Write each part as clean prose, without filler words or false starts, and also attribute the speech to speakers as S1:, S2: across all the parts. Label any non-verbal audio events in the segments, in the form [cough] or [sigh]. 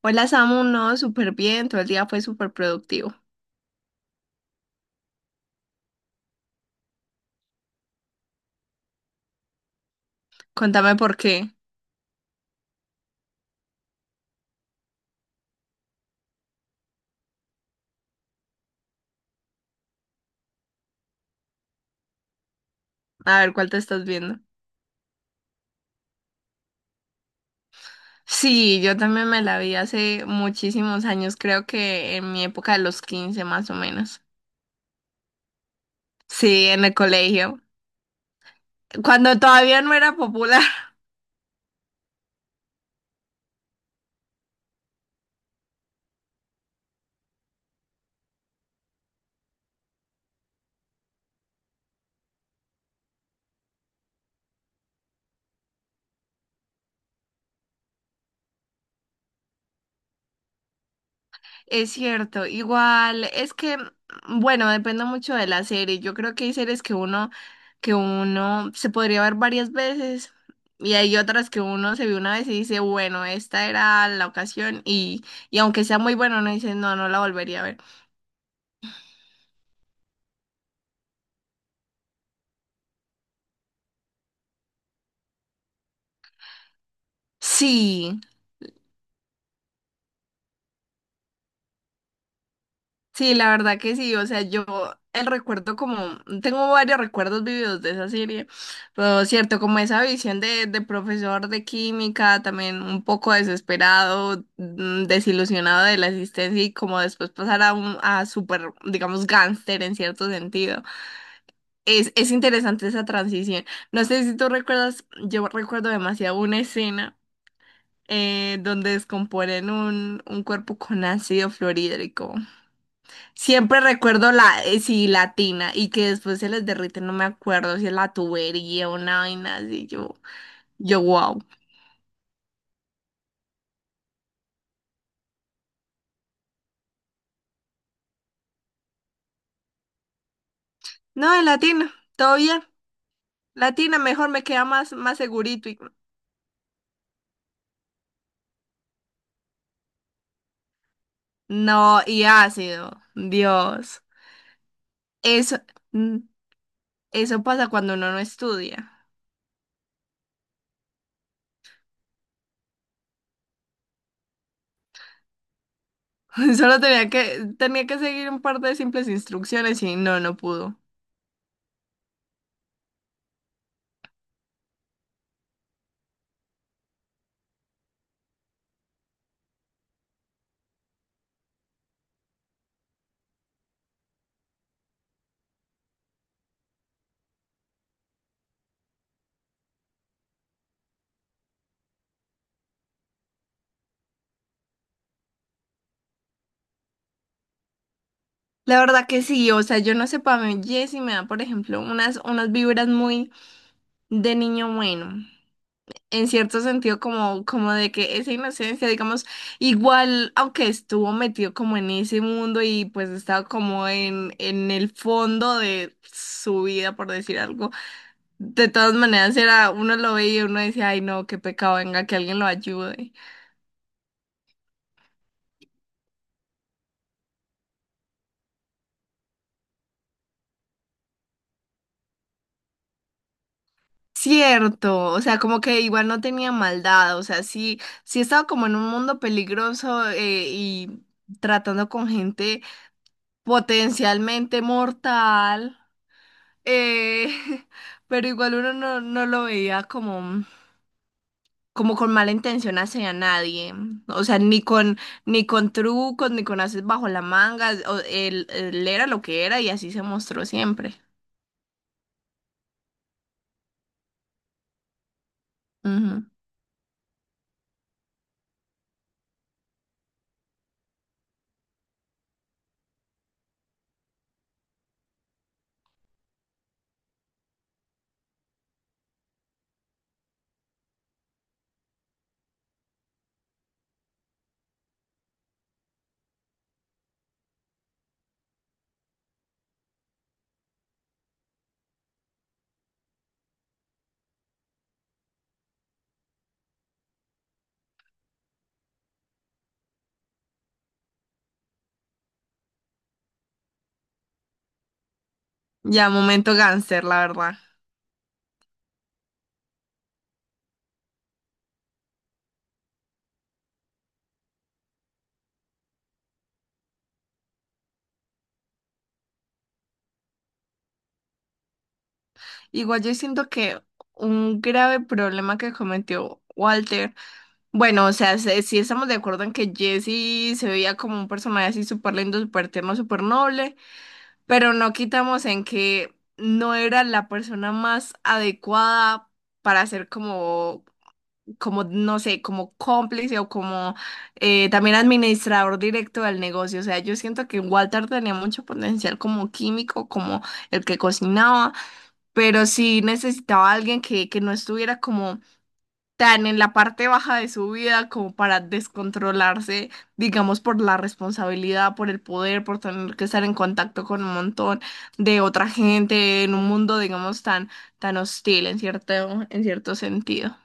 S1: Hola Samu, no, súper bien, todo el día fue súper productivo. Cuéntame por qué. A ver cuál te estás viendo. Sí, yo también me la vi hace muchísimos años, creo que en mi época de los 15 más o menos. Sí, en el colegio, cuando todavía no era popular. Es cierto, igual es que, bueno, depende mucho de la serie. Yo creo que hay series que que uno se podría ver varias veces y hay otras que uno se ve una vez y dice, bueno, esta era la ocasión y aunque sea muy bueno, uno dice, no, no la volvería a ver. Sí, sí, la verdad que sí, o sea, yo el recuerdo como, tengo varios recuerdos vividos de esa serie, pero cierto, como esa visión de profesor de química, también un poco desesperado, desilusionado de la existencia y como después pasar a súper, digamos, gángster en cierto sentido. Es interesante esa transición. No sé si tú recuerdas, yo recuerdo demasiado una escena donde descomponen un cuerpo con ácido fluorhídrico. Siempre recuerdo la, sí, latina, y que después se les derrite, no me acuerdo si es la tubería o una vaina así, wow. No, es latina, todo bien. Latina, mejor me queda más segurito. Y. No, y ácido, Dios. Eso, mm, eso pasa cuando uno no estudia. [laughs] Solo tenía que seguir un par de simples instrucciones y no, no pudo. La verdad que sí, o sea, yo no sé, para mí Jessy me da, por ejemplo, unas vibras muy de niño bueno. En cierto sentido como de que esa inocencia, digamos, igual, aunque estuvo metido como en ese mundo y pues estaba como en el fondo de su vida, por decir algo, de todas maneras era, uno lo veía y uno decía, ay no, qué pecado, venga, que alguien lo ayude. Cierto, o sea, como que igual no tenía maldad, o sea, sí, sí estaba como en un mundo peligroso y tratando con gente potencialmente mortal. Eh, [laughs] pero igual uno no, no lo veía como, como con mala intención hacia nadie. O sea, ni con, ni con trucos, ni con haces bajo la manga. Él era lo que era y así se mostró siempre. Ujú. Ya, momento gánster, la verdad. Igual yo siento que un grave problema que cometió Walter. Bueno, o sea, sí estamos de acuerdo en que Jesse se veía como un personaje así súper lindo, súper tierno, súper noble. Pero no quitamos en que no era la persona más adecuada para ser no sé, como cómplice o como también administrador directo del negocio. O sea, yo siento que Walter tenía mucho potencial como químico, como el que cocinaba, pero sí necesitaba a alguien que no estuviera como tan en la parte baja de su vida como para descontrolarse, digamos, por la responsabilidad, por el poder, por tener que estar en contacto con un montón de otra gente en un mundo, digamos, tan, tan hostil en cierto sentido.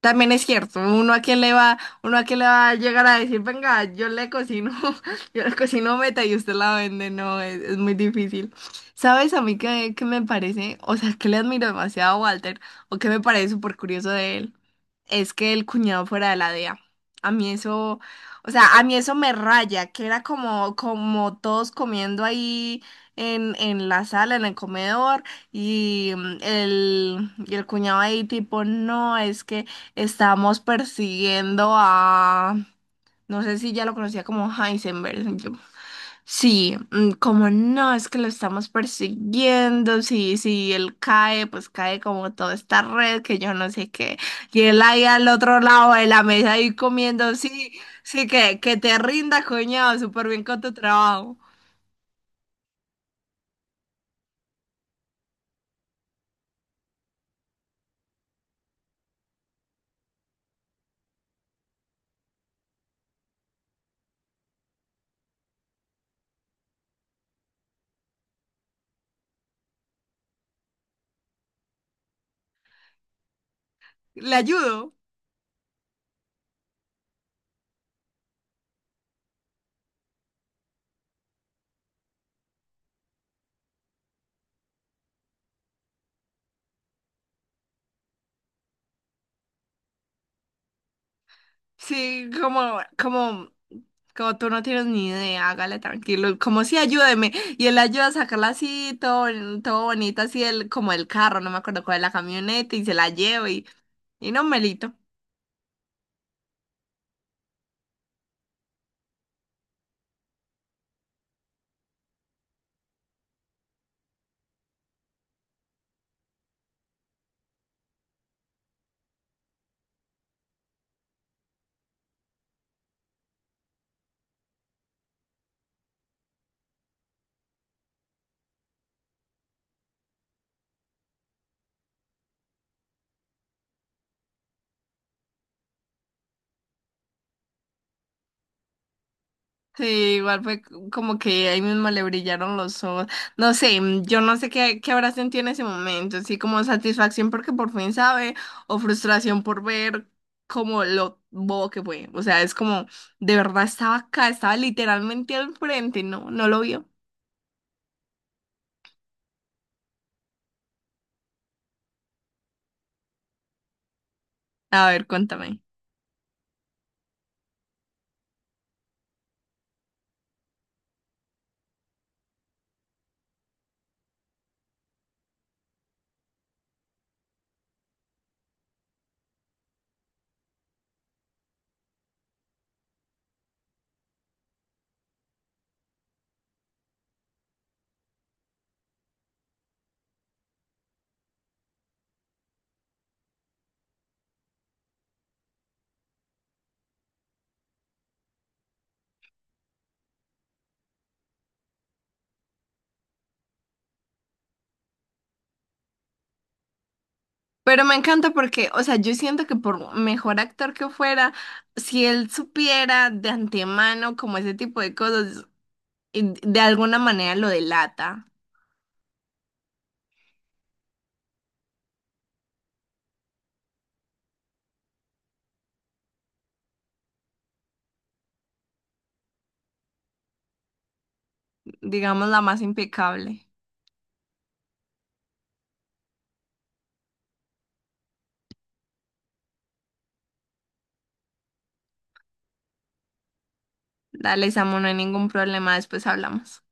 S1: También es cierto, uno a quién le va a llegar a decir, venga, yo le cocino, [laughs] yo le cocino meta y usted la vende, no, es muy difícil. ¿Sabes a mí qué me parece? O sea, que le admiro demasiado a Walter, o que me parece súper curioso de él, es que el cuñado fuera de la DEA. A mí eso, o sea, a mí eso me raya, que era como todos comiendo ahí en la sala, en el comedor. Y el cuñado ahí tipo, no, es que estamos persiguiendo a, no sé si ya lo conocía como Heisenberg. Sí, como no, es que lo estamos persiguiendo. Sí, sí, él cae, pues cae como toda esta red que yo no sé qué. Y él ahí al otro lado de la mesa ahí comiendo. Sí, sí, que te rinda, coñado, súper bien con tu trabajo. ¿Le ayudo? Sí, como tú no tienes ni idea, hágale tranquilo, como si ayúdeme. Y él ayuda a sacarla así, todo, todo bonito, así como el carro, no me acuerdo cuál es la camioneta, y se la lleva y no, Melito. Sí, igual fue como que ahí mismo le brillaron los ojos. No sé, yo no sé qué habrá sentido en ese momento, sí, como satisfacción porque por fin sabe, o frustración por ver como lo bobo que fue. O sea, es como, de verdad estaba acá, estaba literalmente al frente, no, no lo vio. A ver, cuéntame. Pero me encanta porque, o sea, yo siento que por mejor actor que fuera, si él supiera de antemano como ese tipo de cosas, y de alguna manera lo delata. Digamos, la más impecable. Dale, Samu, no hay ningún problema, después hablamos.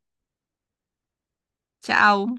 S1: Chao.